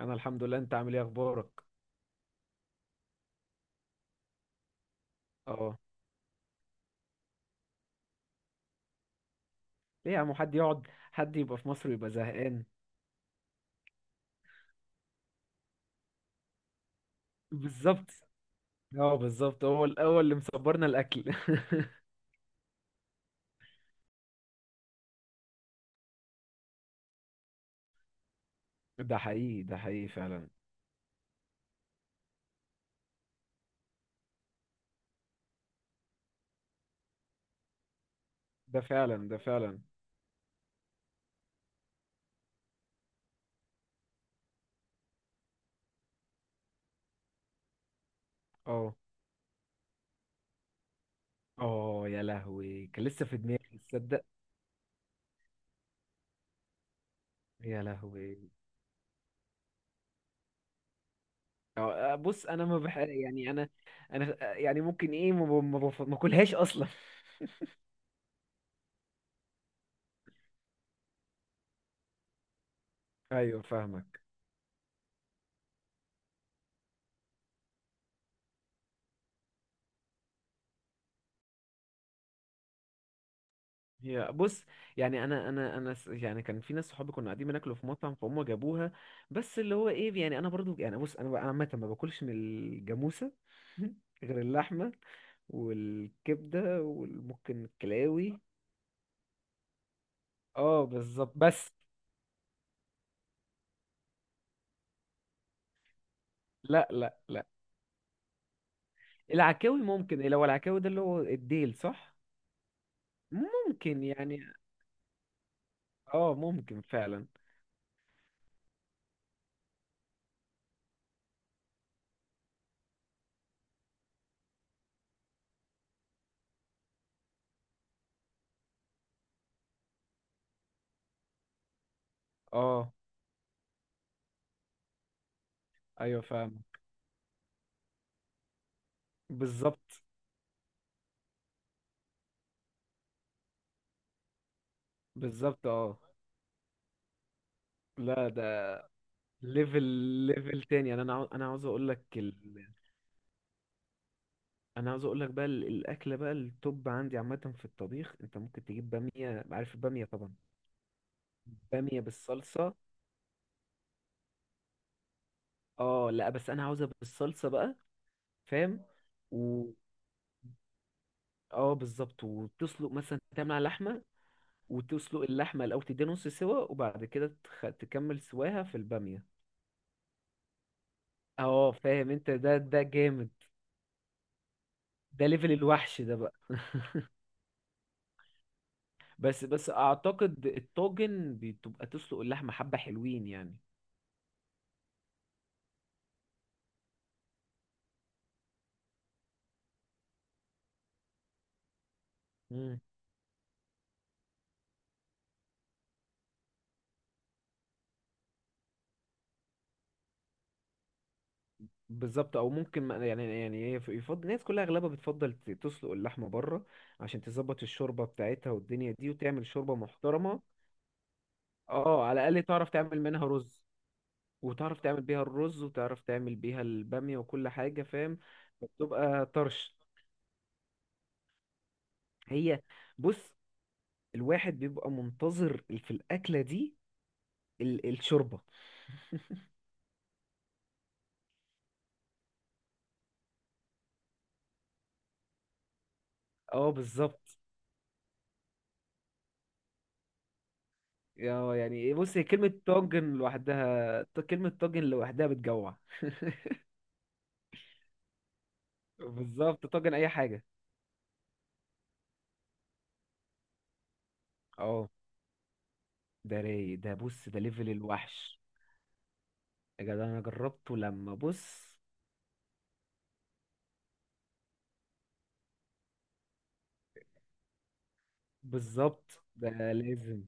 انا الحمد لله، انت عامل ايه؟ اخبارك. اه. ليه يا عم؟ حد يقعد، حد يبقى في مصر ويبقى زهقان؟ بالظبط. اه بالظبط، هو الاول اللي مصبرنا الاكل. ده حقيقي، ده حقيقي فعلا. ده فعلا ده فعلا. اه. اه يا لهوي، كان لسه في دماغي، تصدق؟ يا لهوي. بص انا ما بح، يعني انا يعني ممكن ايه، ما ب- ما بف- ما باكلهاش اصلا. ايوه فاهمك. هي بص، يعني كان في ناس صحابي كنا قاعدين بناكلوا في مطعم، فهم جابوها. بس اللي هو ايه، يعني انا برضو، يعني بص انا بقى عامه ما باكلش من الجاموسه. غير اللحمه والكبده وممكن الكلاوي. اه بالظبط بس. لا لا لا. العكاوي ممكن إيه، لو العكاوي ده اللي هو الديل صح؟ ممكن يعني. اه ممكن فعلا. اه ايوه فاهم. بالظبط. بالظبط اه. لا ده ليفل ليفل تاني، يعني انا عاوز اقول لك انا عاوز اقول لك بقى الاكله بقى التوب عندي عامه في الطبيخ. انت ممكن تجيب باميه، عارف الباميه طبعا؟ باميه بالصلصه. اه لا بس انا عاوزها بالصلصه بقى. فاهم. و اه بالظبط، وتسلق مثلا تعمل على لحمه. وتسلق اللحمه الاول، تديها نص سوا وبعد كده تكمل سواها في الباميه. اه فاهم انت، ده جامد. ده ليفل الوحش ده بقى. بس بس اعتقد الطاجن بتبقى تسلق اللحمه حبه حلوين يعني. مم. بالظبط. او ممكن يعني يعني هي يفضل الناس كلها اغلبها بتفضل تسلق اللحمه بره، عشان تظبط الشوربه بتاعتها والدنيا دي، وتعمل شوربه محترمه. اه على الاقل تعرف تعمل منها رز، وتعرف تعمل بيها الرز وتعرف تعمل بيها الباميه وكل حاجه فاهم؟ فبتبقى طرش. هي بص، الواحد بيبقى منتظر في الاكله دي الشوربه. اه بالظبط. اه يعني إيه، بص هي كلمة طاجن لوحدها، كلمة طاجن لوحدها بتجوع. بالظبط، طاجن أي حاجة. اه ده رايق، ده بص ده ليفل الوحش. يا جدع أنا جربته، لما بص. بالظبط ده لازم.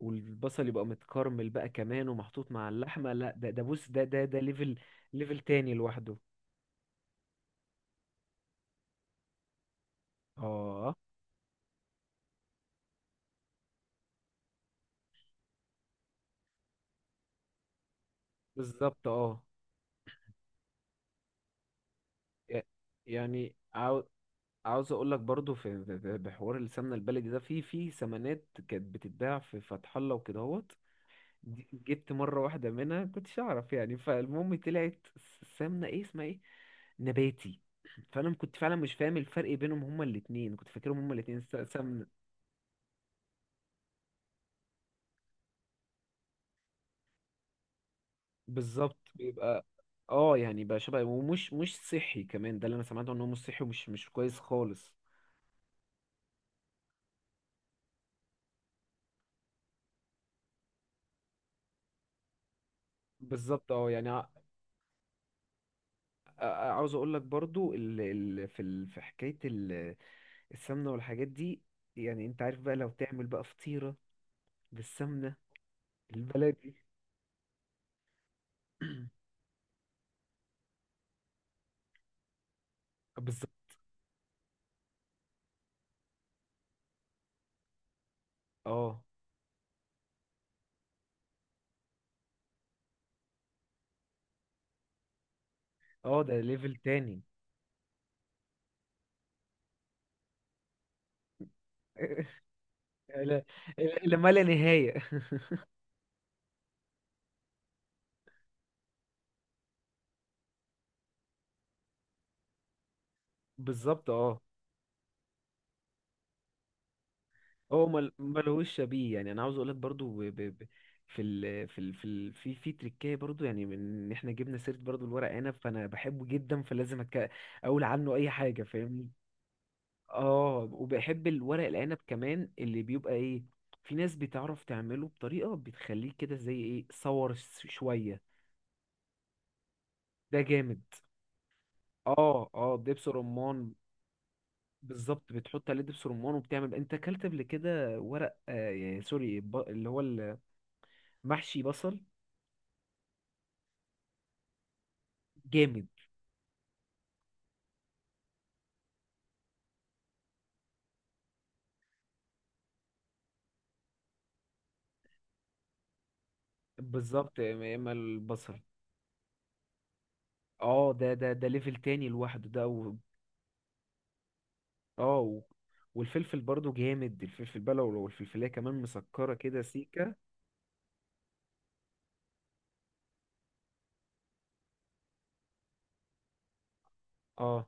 والبصل يبقى متكرمل بقى كمان ومحطوط مع اللحمة. لا ده ده بص ده ليفل، ليفل تاني لوحده. اه بالظبط. اه ي- يعني عاوز اقول لك برضو في بحوار السمنه البلدي ده، في في سمنات كانت بتتباع في فتح الله وكدهوت. دي جبت مره واحده منها، كنتش اعرف يعني، فالمهم طلعت السمنه ايه اسمها ايه، نباتي. كنت فعلا مش فاهم الفرق بينهم، هما الاتنين كنت فاكرهم هما الاتنين سمنه. بالظبط بيبقى. اه يعني بقى شبه، ومش مش صحي كمان، ده اللي انا سمعته، ان هو مش صحي ومش مش كويس خالص. بالظبط. اه يعني عاوز اقول لك برضو في في حكايه السمنة والحاجات دي. يعني انت عارف بقى لو تعمل بقى فطيرة بالسمنة البلدي. بالظبط اه. اه ده ليفل تاني. لا، لما لا نهاية. بالظبط اه. هو ملهوش شبيه، يعني انا عاوز اقول لك برضو في في في تريكايه برضو، يعني من إن احنا جبنا سيره برضو الورق عنب، فانا بحبه جدا فلازم اقول عنه اي حاجه، فاهمني؟ اه وبحب الورق العنب كمان، اللي بيبقى ايه، في ناس بتعرف تعمله بطريقة بتخليه كده زي ايه، شوية. ده جامد. اه اه دبس رمان. بالظبط، بتحط عليه دبس رمان. وبتعمل انت اكلت قبل كده ورق آه يعني سوري، اللي هو المحشي بصل. جامد. بالظبط يا اما البصل. اه ده ليفل تاني لوحده ده. و اه و والفلفل برضو جامد، الفلفل بلو، والفلفلية كمان مسكرة كده سيكة. اه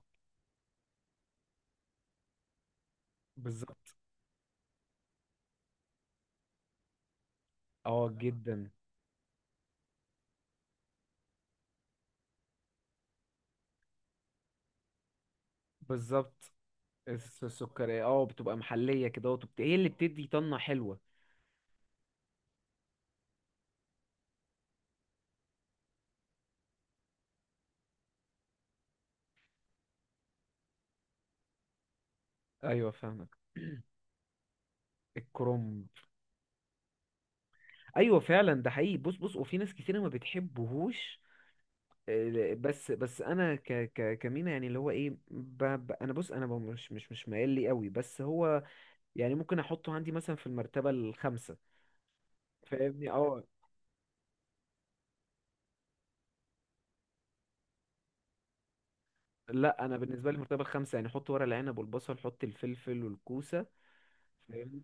بالظبط. اه جدا. بالظبط، السكرية اه بتبقى محلية كده، وبت- هي اللي بتدي طنة حلوة. ايوه فاهمك. الكرنب. ايوه فعلا ده حقيقي، بص بص وفي ناس كتيرة ما بتحبهوش. بس بس انا ك كمينا يعني اللي هو ايه ب انا بص انا مش مايل لي قوي بس هو يعني ممكن احطه عندي مثلا في المرتبة الخامسة. فاهمني؟ اه. لا انا بالنسبة لي المرتبة الخامسة يعني، حط ورق العنب والبصل، حط الفلفل والكوسة. فاهمني؟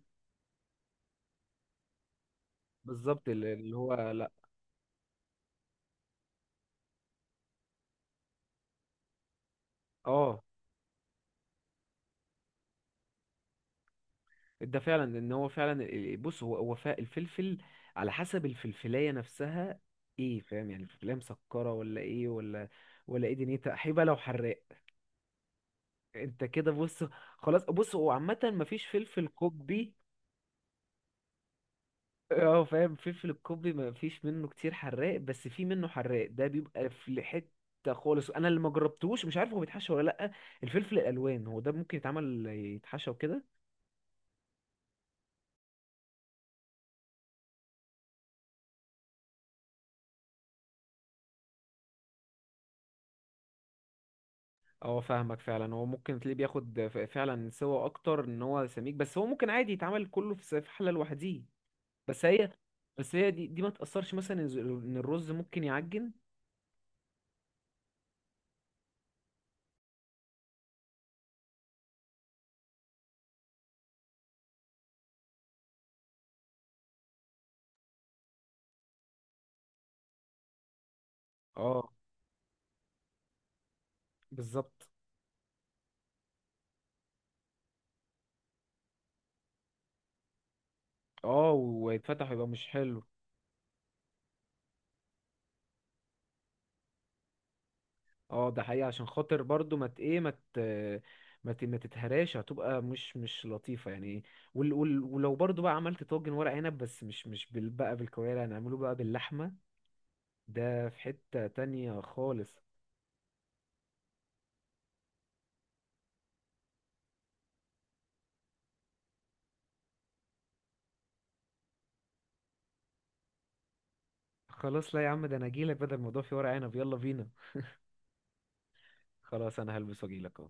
بالظبط، اللي اللي هو لا. اه ده فعلا، ان هو فعلا بص هو الفلفل على حسب الفلفلايه نفسها. ايه، فاهم يعني الفلفلايه مسكره ولا ايه ولا ولا ايه، دنيتها حيبه لو حراق. انت كده بص. خلاص بص هو عامه مفيش فلفل قبي. اه فاهم، فلفل القبي مفيش منه كتير حراق، بس في منه حراق ده بيبقى في حته خالص، انا اللي ما جربتوش مش عارف هو بيتحشى ولا لا. الفلفل الالوان هو ده ممكن يتعمل يتحشى وكده. اه فاهمك فعلا، هو ممكن تلاقيه بياخد فعلا سوا اكتر، ان هو سميك، بس هو ممكن عادي يتعمل كله في في حله لوحديه. بس هي، بس هي دي, دي ما تاثرش مثلا ان إن الرز ممكن يعجن. اه بالظبط. اه ويتفتح يبقى مش حلو. اه ده حقيقه، عشان خاطر برضو ما مت ايه ما مت ما ت- ما تتهراش، هتبقى مش مش لطيفه يعني. وال وال ولو برضو بقى عملت طاجن ورق عنب بس مش مش بال بقى بالكوارع، هنعمله بقى باللحمه، ده في حته تانية خالص. خلاص لا يا عم، ده انا اجيلك، بدل الموضوع في ورق عنب يلا بينا. خلاص انا هلبس واجيلك اهو.